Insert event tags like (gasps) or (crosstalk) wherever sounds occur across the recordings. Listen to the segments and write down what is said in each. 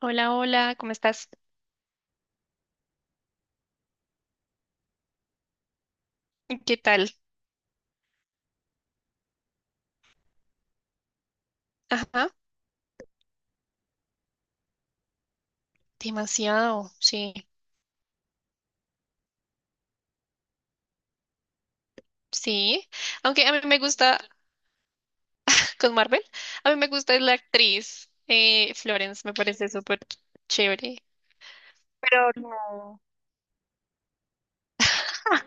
Hola, hola, ¿cómo estás? ¿Qué tal? Ajá, demasiado, sí, sí. Aunque a mí me gusta, (laughs) con Marvel, a mí me gusta la actriz Florence, me parece súper chévere. Pero no. Ah,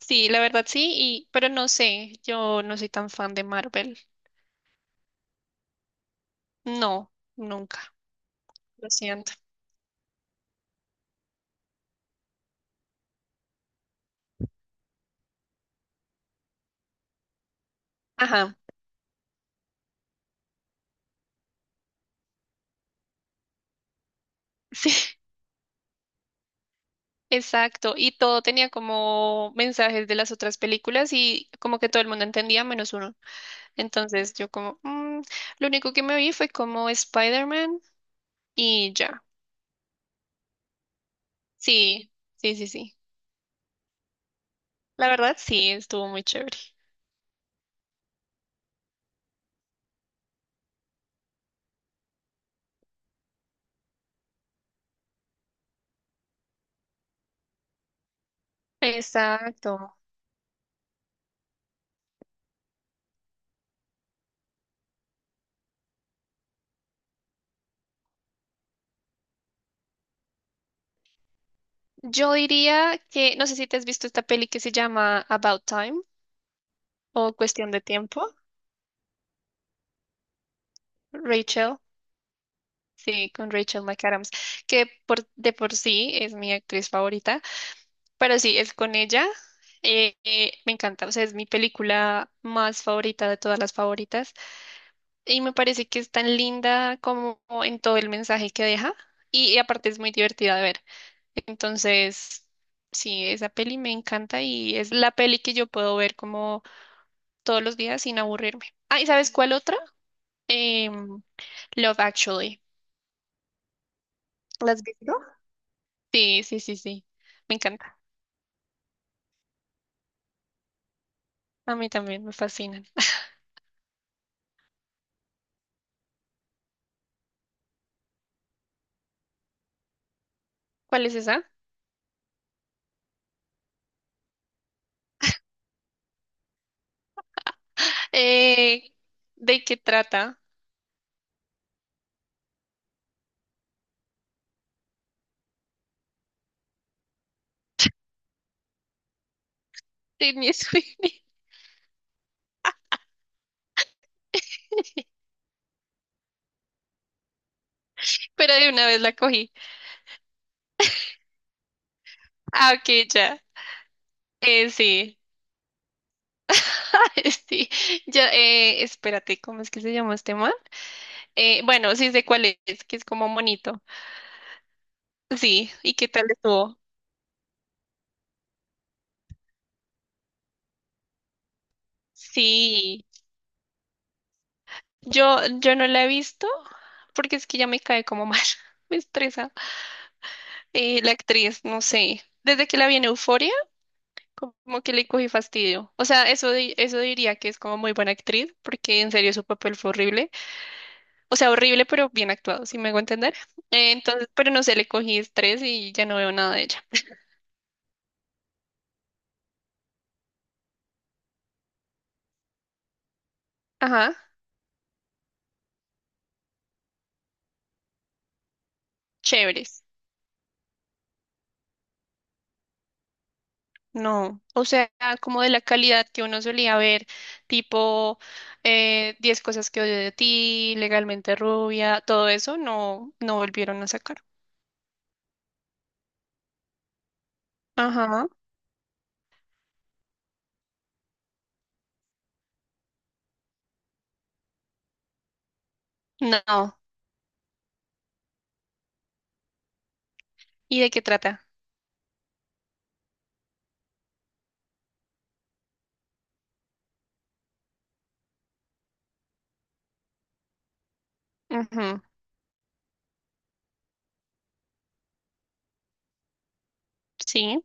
sí, la verdad sí, y, pero no sé, yo no soy tan fan de Marvel. No, nunca, lo siento. Ajá, sí, (laughs) exacto. Y todo tenía como mensajes de las otras películas y como que todo el mundo entendía menos uno. Entonces yo como, "Mm". Lo único que me vi fue como Spider-Man y ya. Sí, sí, sí, sí. La verdad, sí, estuvo muy chévere. Exacto. Yo diría que, no sé si te has visto esta peli que se llama About Time o Cuestión de Tiempo, Rachel. Sí, con Rachel McAdams, que por, de por sí es mi actriz favorita, pero sí, es con ella. Me encanta, o sea, es mi película más favorita de todas las favoritas. Y me parece que es tan linda como en todo el mensaje que deja. Y aparte es muy divertida de ver. Entonces, sí, esa peli me encanta y es la peli que yo puedo ver como todos los días sin aburrirme. Ah, ¿y sabes cuál otra? Em, Love Actually. ¿La has visto? Sí, sí, sí, sí. Me encanta. A mí también me fascinan. ¿Cuál es esa? Eh, ¿De qué trata? Sydney Sweeney. (laughs) Pero de una vez la cogí. Ah, ok, ya. Sí. (laughs) Sí, ya, espérate, ¿cómo es que se llama este man? Bueno, sí sé cuál es, que es como monito. Sí, ¿y qué tal estuvo? Sí, yo no la he visto porque es que ya me cae como mal, (laughs) me estresa. La actriz, no sé, desde que la vi en Euforia, como que le cogí fastidio. O sea, eso, eso diría que es como muy buena actriz porque en serio su papel fue horrible. O sea, horrible, pero bien actuado, si me hago entender. Entonces, pero no sé, le cogí estrés y ya no veo nada de ella. Ajá. Chéveres. No, o sea, como de la calidad que uno solía ver, tipo 10 cosas que odio de ti, legalmente rubia, todo eso no, no volvieron a sacar. Ajá, no. ¿Y de qué trata? Ujú, sí,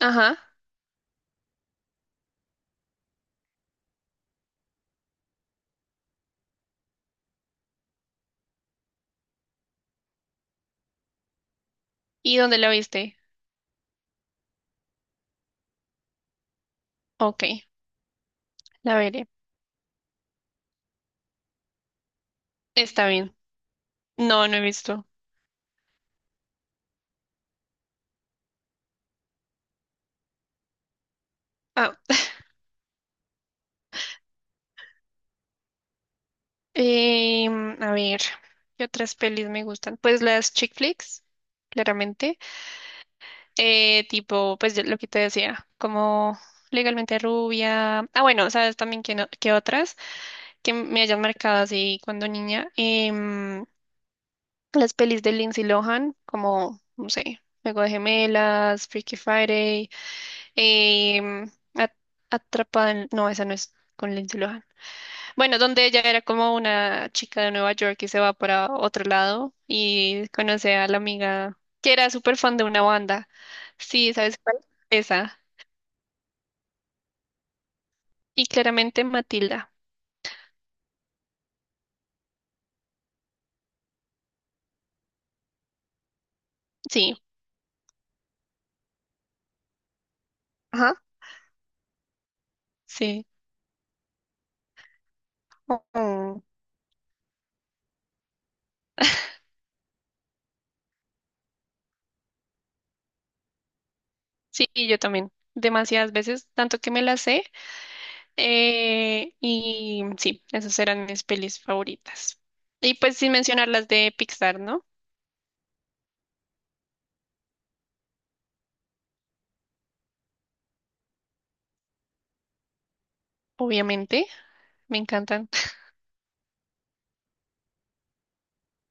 ajá. ¿Y dónde la viste? Ok, la veré. Está bien. No, no he visto. Ah, (laughs) a ver, ¿qué otras pelis me gustan? Pues las chick flicks, claramente. Tipo, pues lo que te decía, como legalmente rubia. Ah, bueno, sabes también que, que otras que me hayan marcado así cuando niña. Las pelis de Lindsay Lohan, como, no sé, Juego de Gemelas, Freaky Friday, em, Atrapada en... No, esa no es con Lindsay Lohan. Bueno, donde ella era como una chica de Nueva York y se va para otro lado y conoce a la amiga que era súper fan de una banda. Sí, ¿sabes cuál? Esa. Y claramente Matilda. Sí, ajá. Sí. Oh, sí, y yo también. Demasiadas veces, tanto que me las sé. Y sí, esas eran mis pelis favoritas. Y pues sin mencionar las de Pixar, ¿no? Obviamente, me encantan. (laughs)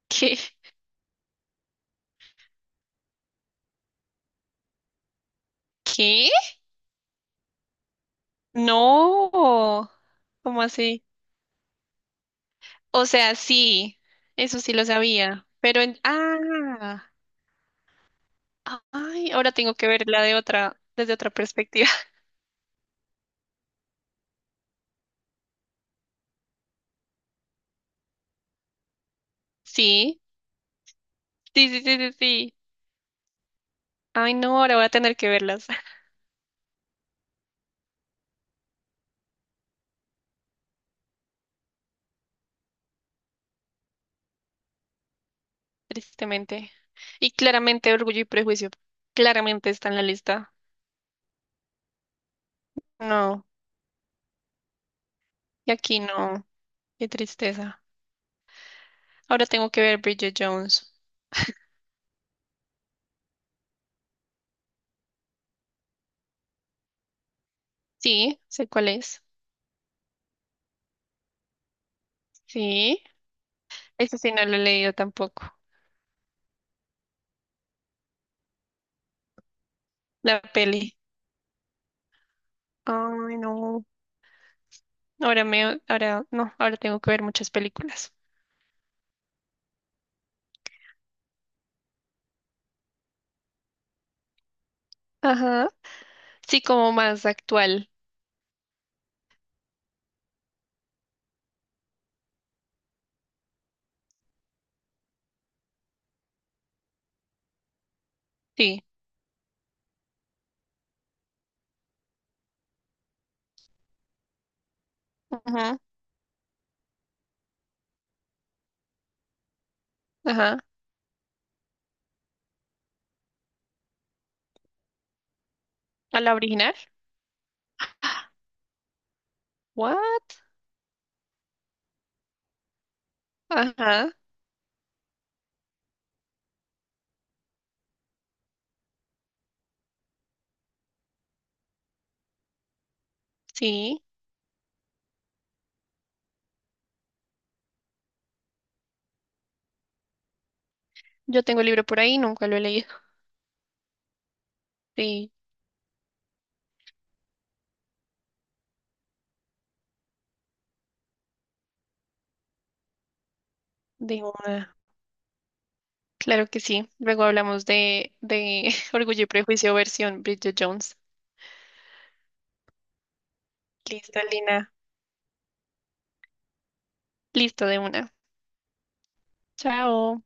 ¿Qué? ¿Qué? No. ¿Cómo así? O sea, sí, eso sí lo sabía. Pero en... Ah, ay, ahora tengo que verla de otra, desde otra perspectiva. (laughs) Sí, sí, sí, sí, sí, sí. Ay, no, ahora voy a tener que verlas, (laughs) tristemente. Y claramente Orgullo y Prejuicio, claramente está en la lista. No, y aquí no, qué tristeza. Ahora tengo que ver Bridget Jones. Sí, sé cuál es. Sí, eso sí no lo he leído tampoco. La peli. Ay, no. Ahora me, ahora, no, ahora tengo que ver muchas películas. Ajá. Sí, como más actual. Sí. Ajá. Ajá. ¿A la original? (gasps) What? Ajá. Sí. Yo tengo el libro por ahí, nunca lo he leído. Sí, de una. Claro que sí. Luego hablamos de (laughs) Orgullo y Prejuicio versión Bridget Jones. Listo, Lina. Listo, de una. Chao.